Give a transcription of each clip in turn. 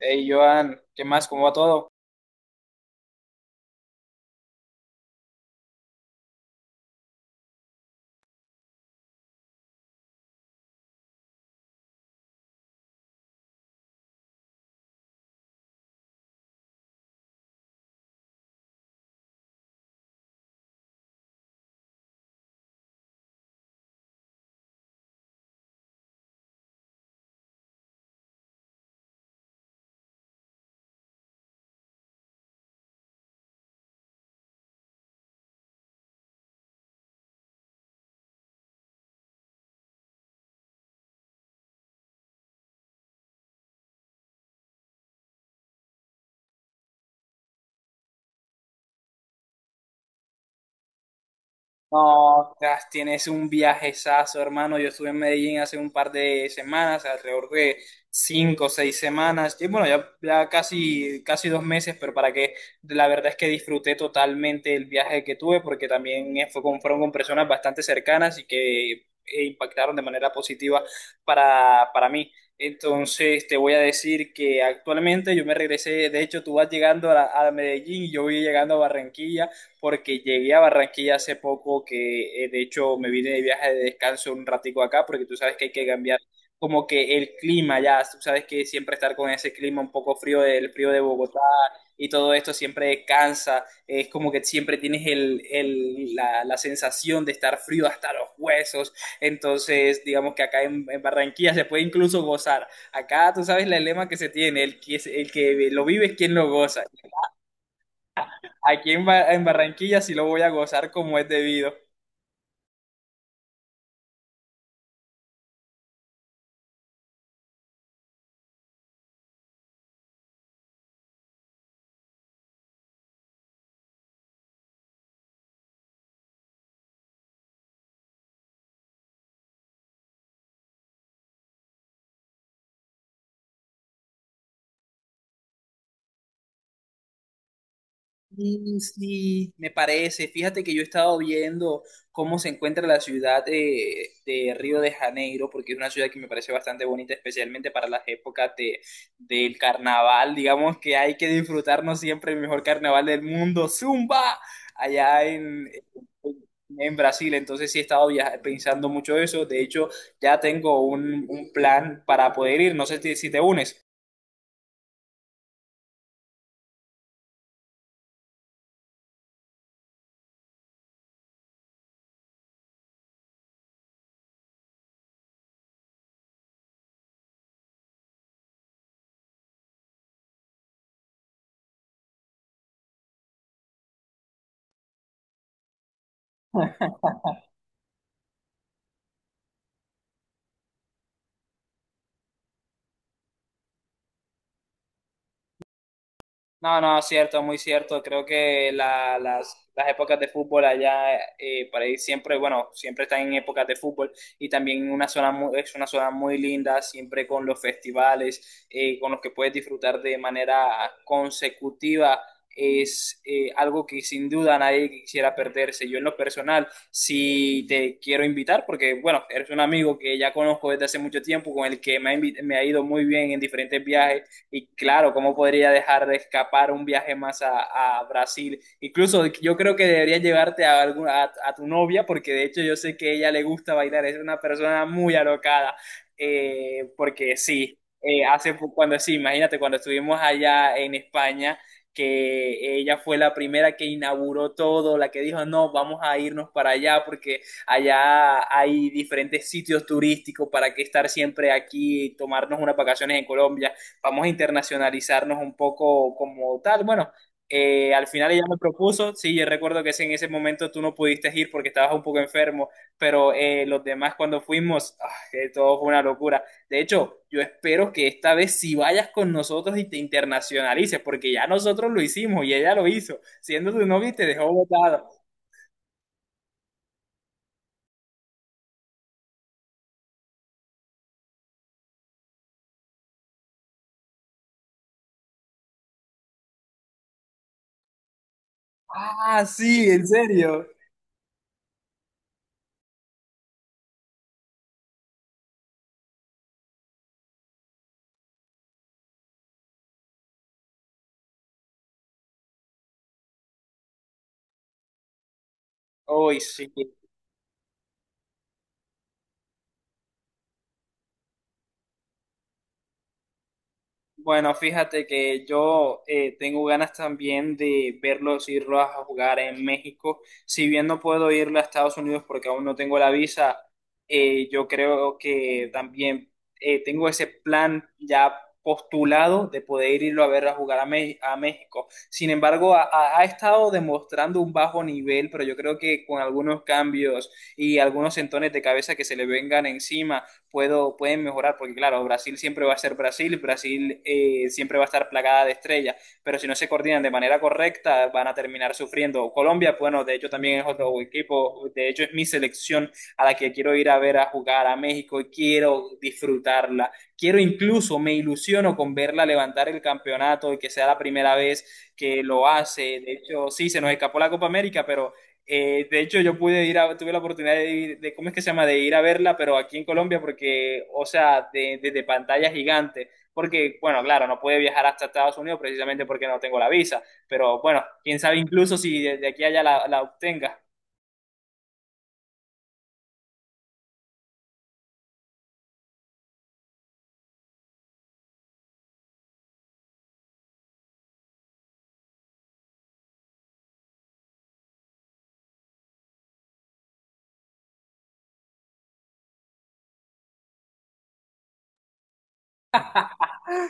Hey, Joan, ¿qué más? ¿Cómo va todo? No, tienes un viajezazo, hermano. Yo estuve en Medellín hace un par de semanas, alrededor de 5 o 6 semanas. Y bueno, ya casi, casi 2 meses, pero para que la verdad es que disfruté totalmente el viaje que tuve, porque también fueron con personas bastante cercanas y que impactaron de manera positiva para mí. Entonces te voy a decir que actualmente yo me regresé, de hecho tú vas llegando a Medellín y yo voy llegando a Barranquilla porque llegué a Barranquilla hace poco, que de hecho me vine de viaje de descanso un ratico acá, porque tú sabes que hay que cambiar como que el clima ya. Tú sabes que siempre estar con ese clima un poco frío, el frío de Bogotá y todo esto siempre cansa, es como que siempre tienes la sensación de estar frío hasta los huesos. Entonces digamos que acá en Barranquilla se puede incluso gozar, acá tú sabes la lema que se tiene: el que lo vive es quien lo goza. Aquí en Barranquilla sí lo voy a gozar como es debido. Mm, sí, me parece. Fíjate que yo he estado viendo cómo se encuentra la ciudad de Río de Janeiro, porque es una ciudad que me parece bastante bonita, especialmente para las épocas del carnaval. Digamos que hay que disfrutarnos siempre el mejor carnaval del mundo, Zumba, allá en Brasil. Entonces sí he estado pensando mucho eso. De hecho, ya tengo un plan para poder ir. No sé si te unes. No, no, cierto, muy cierto. Creo que las épocas de fútbol allá, para ir siempre, bueno, siempre están en épocas de fútbol, y también es una zona muy linda, siempre con los festivales, con los que puedes disfrutar de manera consecutiva. Es algo que sin duda nadie quisiera perderse. Yo en lo personal, si te quiero invitar, porque bueno, eres un amigo que ya conozco desde hace mucho tiempo, con el que me ha ido muy bien en diferentes viajes, y claro, ¿cómo podría dejar de escapar un viaje más a Brasil? Incluso yo creo que deberías llevarte a tu novia, porque de hecho yo sé que a ella le gusta bailar, es una persona muy alocada. Porque sí, cuando sí, imagínate, cuando estuvimos allá en España, que ella fue la primera que inauguró todo, la que dijo, no, vamos a irnos para allá porque allá hay diferentes sitios turísticos para que estar siempre aquí, y tomarnos unas vacaciones en Colombia, vamos a internacionalizarnos un poco como tal. Bueno, al final ella me propuso, sí, yo recuerdo que en ese momento tú no pudiste ir porque estabas un poco enfermo, pero los demás, cuando fuimos, ah, todo fue una locura. De hecho, yo espero que esta vez sí vayas con nosotros y te internacionalices, porque ya nosotros lo hicimos y ella lo hizo, siendo tu novia, y te dejó botado. Ah, sí, ¿en serio? Uy, sí. Bueno, fíjate que yo tengo ganas también de verlos irlos a jugar en México. Si bien no puedo irle a Estados Unidos porque aún no tengo la visa, yo creo que también tengo ese plan ya postulado de poder irlo a ver a jugar a México. Sin embargo, ha estado demostrando un bajo nivel, pero yo creo que con algunos cambios y algunos entones de cabeza que se le vengan encima pueden mejorar, porque claro, Brasil siempre va a ser Brasil, Brasil siempre va a estar plagada de estrellas, pero si no se coordinan de manera correcta, van a terminar sufriendo. Colombia, bueno, de hecho también es otro equipo, de hecho es mi selección, a la que quiero ir a ver a jugar a México, y quiero disfrutarla. Quiero incluso, me ilusiono con verla levantar el campeonato y que sea la primera vez que lo hace. De hecho, sí, se nos escapó la Copa América, pero de hecho, yo pude tuve la oportunidad de ir, de, ¿cómo es que se llama? De ir a verla, pero aquí en Colombia, porque, o sea, desde de pantalla gigante, porque, bueno, claro, no pude viajar hasta Estados Unidos precisamente porque no tengo la visa, pero bueno, quién sabe, incluso si de aquí a allá la obtenga.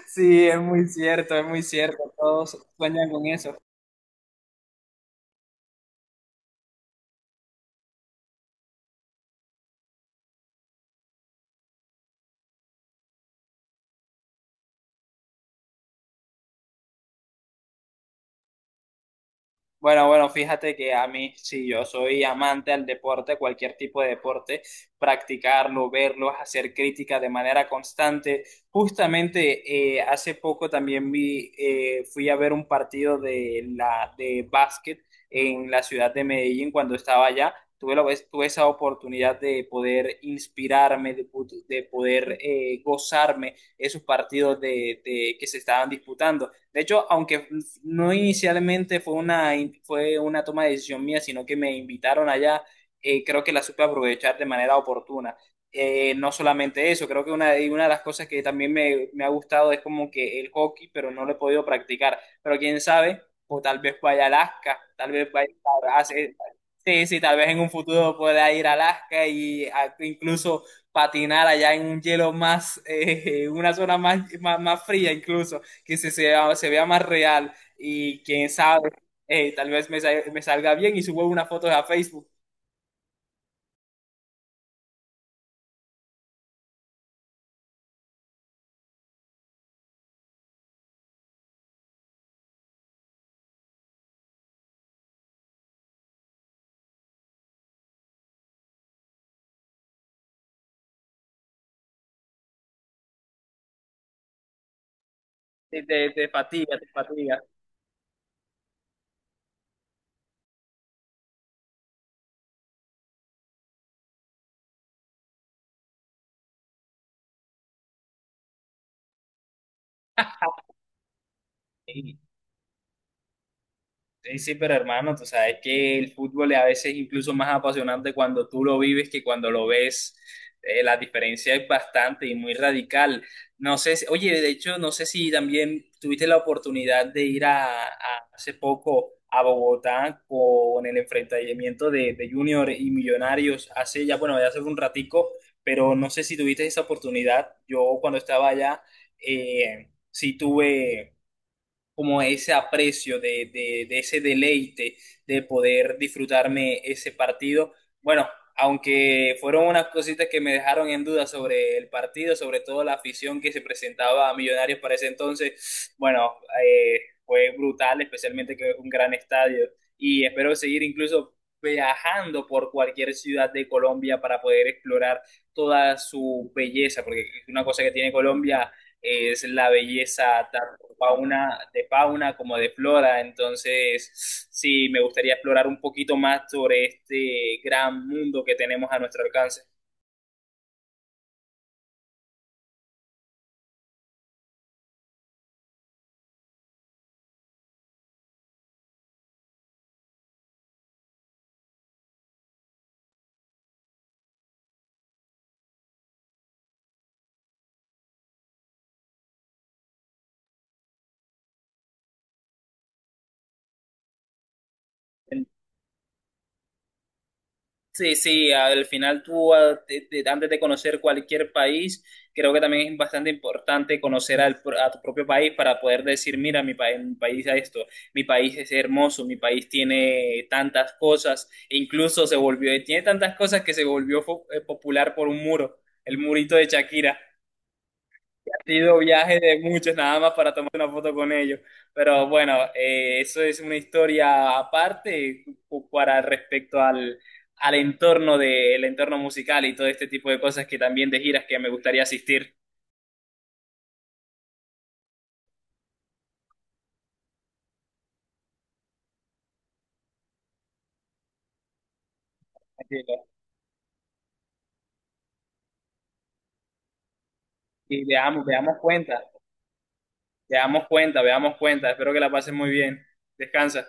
Sí, es muy cierto, todos sueñan con eso. Bueno, bueno, fíjate que a mí, sí, yo soy amante al deporte, cualquier tipo de deporte, practicarlo, verlo, hacer crítica de manera constante. Justamente hace poco también fui a ver un partido de básquet en la ciudad de Medellín cuando estaba allá. Tuve esa oportunidad de poder inspirarme, de poder gozarme esos partidos que se estaban disputando. De hecho, aunque no inicialmente fue una toma de decisión mía, sino que me invitaron allá. Creo que la supe aprovechar de manera oportuna. No solamente eso, creo que de una de las cosas que también me ha gustado es como que el hockey, pero no lo he podido practicar. Pero quién sabe, o tal vez vaya a Alaska, tal vez vaya a... hacer- Sí, sí, tal vez en un futuro pueda ir a Alaska y incluso patinar allá en un hielo más, una zona más, más, más fría incluso, que se vea más real, y quién sabe, tal vez me salga bien y subo una foto a Facebook. Te fatiga, te fatiga. Sí, sí, pero hermano, tú sabes que el fútbol es a veces incluso más apasionante cuando tú lo vives que cuando lo ves. La diferencia es bastante y muy radical. No sé, oye, de hecho, no sé si también tuviste la oportunidad de ir hace poco a Bogotá con el enfrentamiento de Junior y Millonarios hace ya, bueno, ya hace un ratico, pero no sé si tuviste esa oportunidad. Yo cuando estaba allá, sí tuve como ese aprecio de ese deleite de poder disfrutarme ese partido. Bueno, aunque fueron unas cositas que me dejaron en duda sobre el partido, sobre todo la afición que se presentaba a Millonarios para ese entonces, bueno, fue brutal, especialmente que es un gran estadio, y espero seguir incluso viajando por cualquier ciudad de Colombia para poder explorar toda su belleza, porque una cosa que tiene Colombia es la belleza, tanto de fauna como de flora. Entonces, sí, me gustaría explorar un poquito más sobre este gran mundo que tenemos a nuestro alcance. Sí, sí, al final tú, antes de conocer cualquier país, creo que también es bastante importante conocer a tu propio país para poder decir, mira, mi país es esto, mi país es hermoso, mi país tiene tantas cosas, e incluso tiene tantas cosas que se volvió popular por un muro, el murito de Shakira. Ha sido viaje de muchos nada más para tomar una foto con ellos. Pero bueno, eso es una historia aparte, para respecto al entorno el entorno musical y todo este tipo de cosas, que también de giras que me gustaría asistir. Así que. Y veamos cuenta, veamos cuenta, veamos cuenta. Espero que la pases muy bien. Descansa.